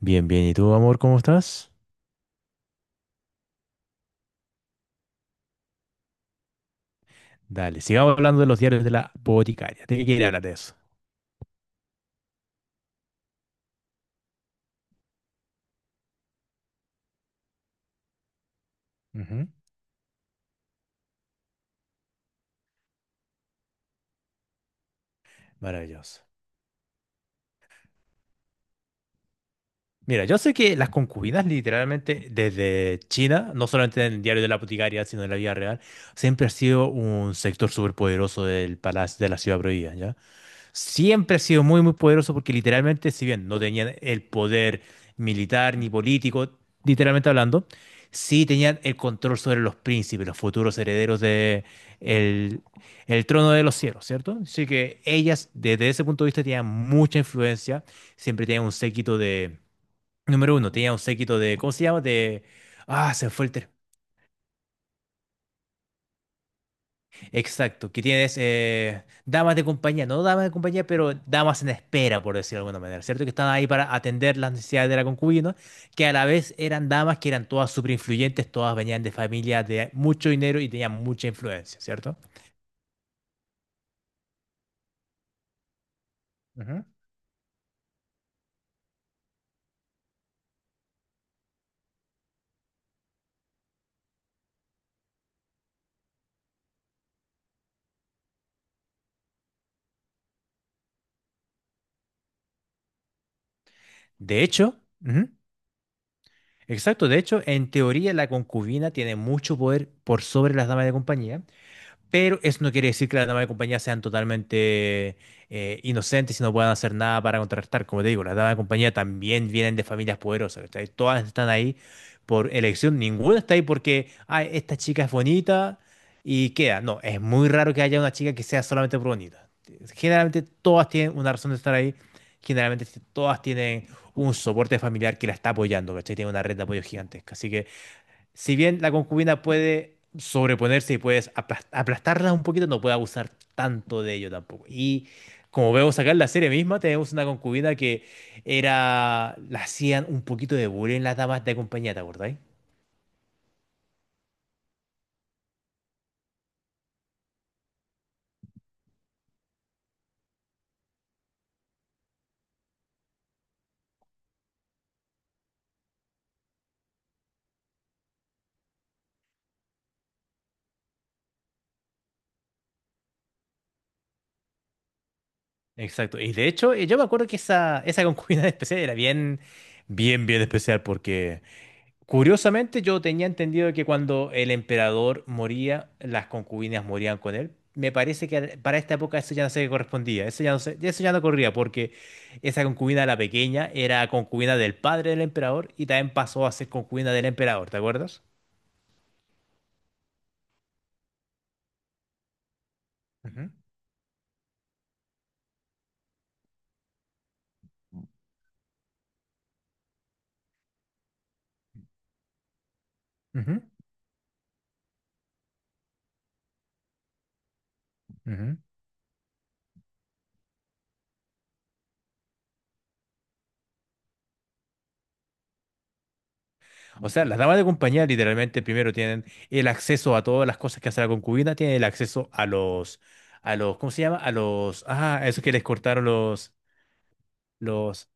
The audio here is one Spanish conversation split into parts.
Bien, bien. ¿Y tú, amor, cómo estás? Dale, sigamos hablando de los diarios de la boticaria. Tenía que ir a hablar de eso. Ujú. Maravilloso. Mira, yo sé que las concubinas, literalmente, desde China, no solamente en el diario de la boticaria, sino en la vida real, siempre ha sido un sector superpoderoso del palacio de la ciudad prohibida, ¿ya? Siempre ha sido muy, muy poderoso porque literalmente, si bien no tenían el poder militar ni político, literalmente hablando, sí tenían el control sobre los príncipes, los futuros herederos de el, el trono de los cielos, ¿cierto? Así que ellas, desde ese punto de vista, tenían mucha influencia, siempre tenían un séquito de, número uno, tenían un séquito de, ¿cómo se llama? De, ah, se me fue el término. Exacto, que tienes damas de compañía, no damas de compañía, pero damas en espera, por decirlo de alguna manera, ¿cierto? Que estaban ahí para atender las necesidades de la concubina, que a la vez eran damas que eran todas súper influyentes, todas venían de familias de mucho dinero y tenían mucha influencia, ¿cierto? Ujú. De hecho, ujú, exacto, de hecho, en teoría la concubina tiene mucho poder por sobre las damas de compañía, pero eso no quiere decir que las damas de compañía sean totalmente inocentes y no puedan hacer nada para contrarrestar. Como te digo, las damas de compañía también vienen de familias poderosas, ¿cachai? Todas están ahí por elección, ninguna está ahí porque, ay, esta chica es bonita y queda. No, es muy raro que haya una chica que sea solamente por bonita. Generalmente todas tienen una razón de estar ahí, generalmente todas tienen un soporte familiar que la está apoyando, ¿cachai? Tiene una red de apoyo gigantesca. Así que si bien la concubina puede sobreponerse y puedes aplastarla un poquito, no puede abusar tanto de ello tampoco. Y como vemos acá en la serie misma, tenemos una concubina que era, la hacían un poquito de bullying las damas de compañía, ¿te acordáis? Exacto. Y de hecho, yo me acuerdo que esa concubina especial era bien, bien, bien especial porque, curiosamente, yo tenía entendido que cuando el emperador moría, las concubinas morían con él. Me parece que para esta época eso ya no se correspondía, eso ya eso ya no corría, porque esa concubina, la pequeña, era concubina del padre del emperador y también pasó a ser concubina del emperador, ¿te acuerdas? Ujú, ujú, ujú. O sea, las damas de compañía literalmente primero tienen el acceso a todas las cosas que hace la concubina, tienen el acceso a los, ¿cómo se llama? A los, ah, a esos que les cortaron los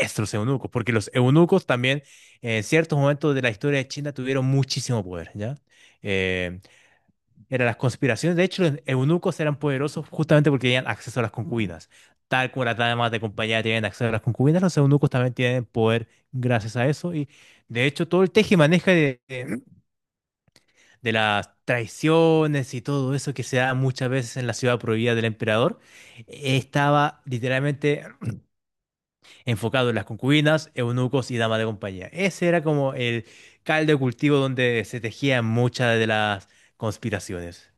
estos eunucos, porque los eunucos también en ciertos momentos de la historia de China tuvieron muchísimo poder, ¿ya? Eh, eran las conspiraciones, de hecho los eunucos eran poderosos justamente porque tenían acceso a las concubinas. Tal como las damas de compañía tienen acceso a las concubinas, los eunucos también tienen poder gracias a eso y de hecho todo el tejimaneja de las traiciones y todo eso que se da muchas veces en la ciudad prohibida del emperador estaba literalmente enfocado en las concubinas, eunucos y damas de compañía. Ese era como el caldo de cultivo donde se tejían muchas de las conspiraciones.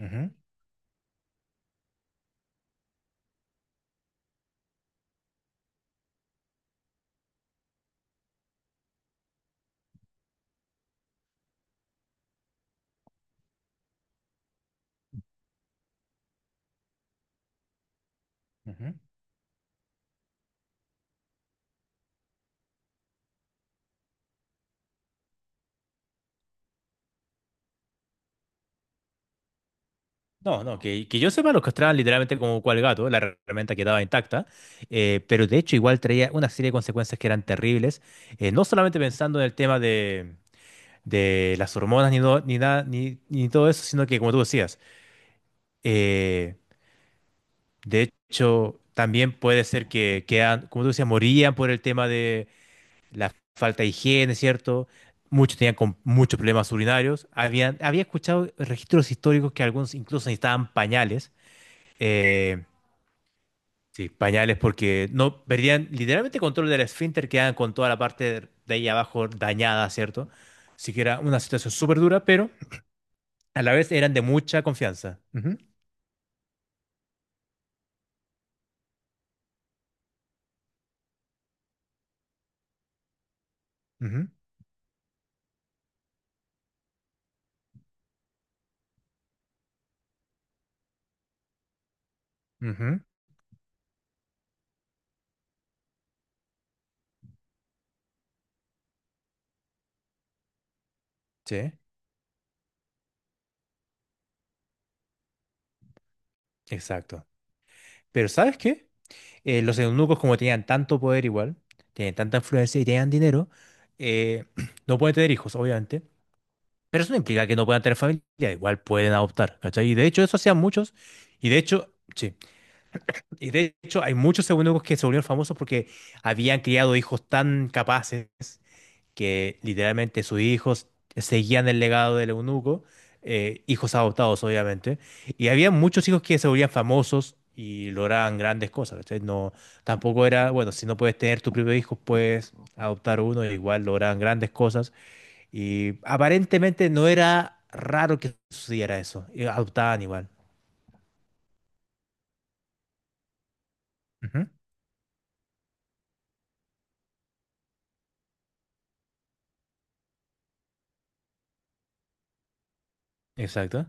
Ujú, ujú. No, no, que yo sepa, los castraban literalmente como cual gato, la herramienta quedaba intacta, pero de hecho igual traía una serie de consecuencias que eran terribles, no solamente pensando en el tema de las hormonas ni, ni nada, ni, ni todo eso, sino que como tú decías, eh, de hecho también puede ser que, quedan, como tú decías, morían por el tema la falta de higiene, ¿cierto? Muchos tenían con muchos problemas urinarios. Habían, había escuchado registros históricos que algunos incluso necesitaban pañales. Eh, sí, pañales porque no perdían literalmente control del esfínter, quedaban con toda la parte de ahí abajo dañada, ¿cierto? Así que era una situación súper dura, pero a la vez eran de mucha confianza. Ujú, ujú, ujú, sí, exacto. Pero ¿sabes qué? Eh, los eunucos, como tenían tanto poder igual, tienen tanta influencia y tenían dinero, eh, no pueden tener hijos, obviamente. Pero eso no implica que no puedan tener familia, igual pueden adoptar, ¿cachai? Y de hecho, eso hacían muchos. Y de hecho, sí. Y de hecho, hay muchos eunucos que se volvieron famosos porque habían criado hijos tan capaces que literalmente sus hijos seguían el legado del eunuco, hijos adoptados obviamente, y había muchos hijos que se volvían famosos y lograban grandes cosas, ¿cachai? No, tampoco era, bueno, si no puedes tener tu propio hijo, puedes adoptar uno, y igual lograban grandes cosas, y aparentemente no era raro que sucediera eso, y adoptaban igual. Ujú. Exacto.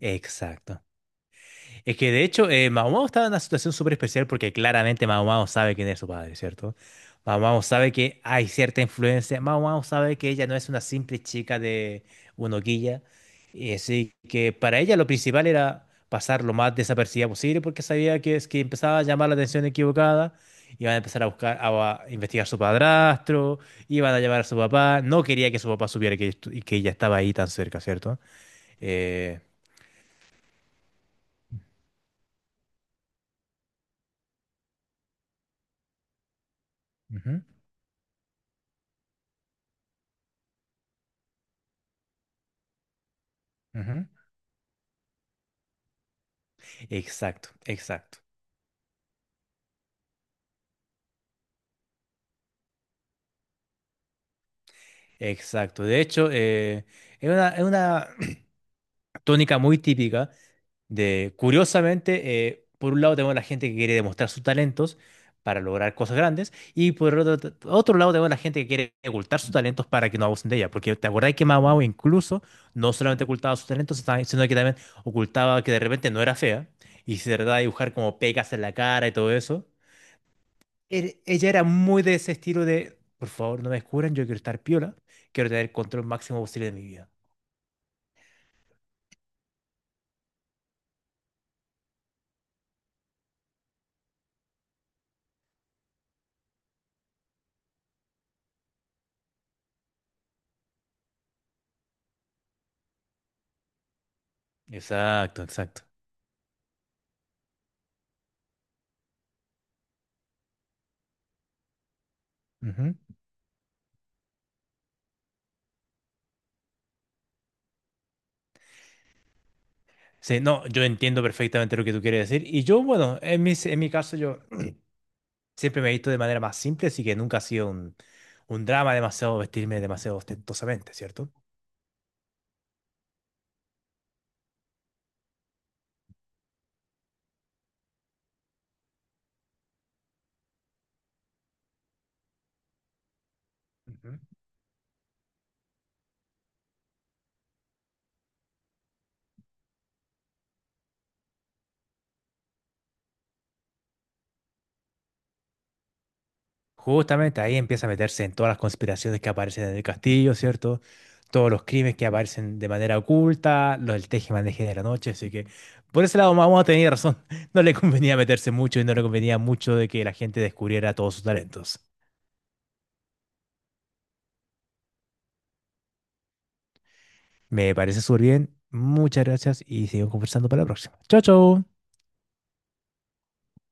Exacto. Es que de hecho, Mao Mao estaba en una situación súper especial porque claramente Mao Mao sabe quién es su padre, ¿cierto? Mao Mao sabe que hay cierta influencia. Mao Mao sabe que ella no es una simple chica de Unoquilla. Y así que para ella lo principal era pasar lo más desapercibida posible porque sabía que es que empezaba a llamar la atención equivocada. Iban a empezar a buscar, a investigar a su padrastro, iban a llamar a su papá. No quería que su papá supiera que, que ella estaba ahí tan cerca, ¿cierto? Eh, ujú, ujú. Exacto, exacto, exacto. De hecho, es una tónica muy típica de, curiosamente, por un lado tenemos la gente que quiere demostrar sus talentos para lograr cosas grandes y por otro, otro lado tenemos la gente que quiere ocultar sus talentos para que no abusen de ella. Porque te acordás que Mau Mau incluso no solamente ocultaba sus talentos, sino que también ocultaba que de repente no era fea y se trataba de dibujar como pecas en la cara y todo eso. Ella era muy de ese estilo de, por favor, no me descubran, yo quiero estar piola, quiero tener el control máximo posible de mi vida. Exacto, exacto. Ujú. Sí, no, yo entiendo perfectamente lo que tú quieres decir. Y yo, bueno, en mi caso, yo siempre me he visto de manera más simple, así que nunca ha sido un drama demasiado vestirme demasiado ostentosamente, ¿cierto? Ujú. Justamente ahí empieza a meterse en todas las conspiraciones que aparecen en el castillo, ¿cierto? Todos los crímenes que aparecen de manera oculta, los del tejemaneje de la noche, así que por ese lado vamos a tener razón. No le convenía meterse mucho y no le convenía mucho de que la gente descubriera todos sus talentos. Me parece súper bien. Muchas gracias y seguimos conversando para la próxima. Chao, chao.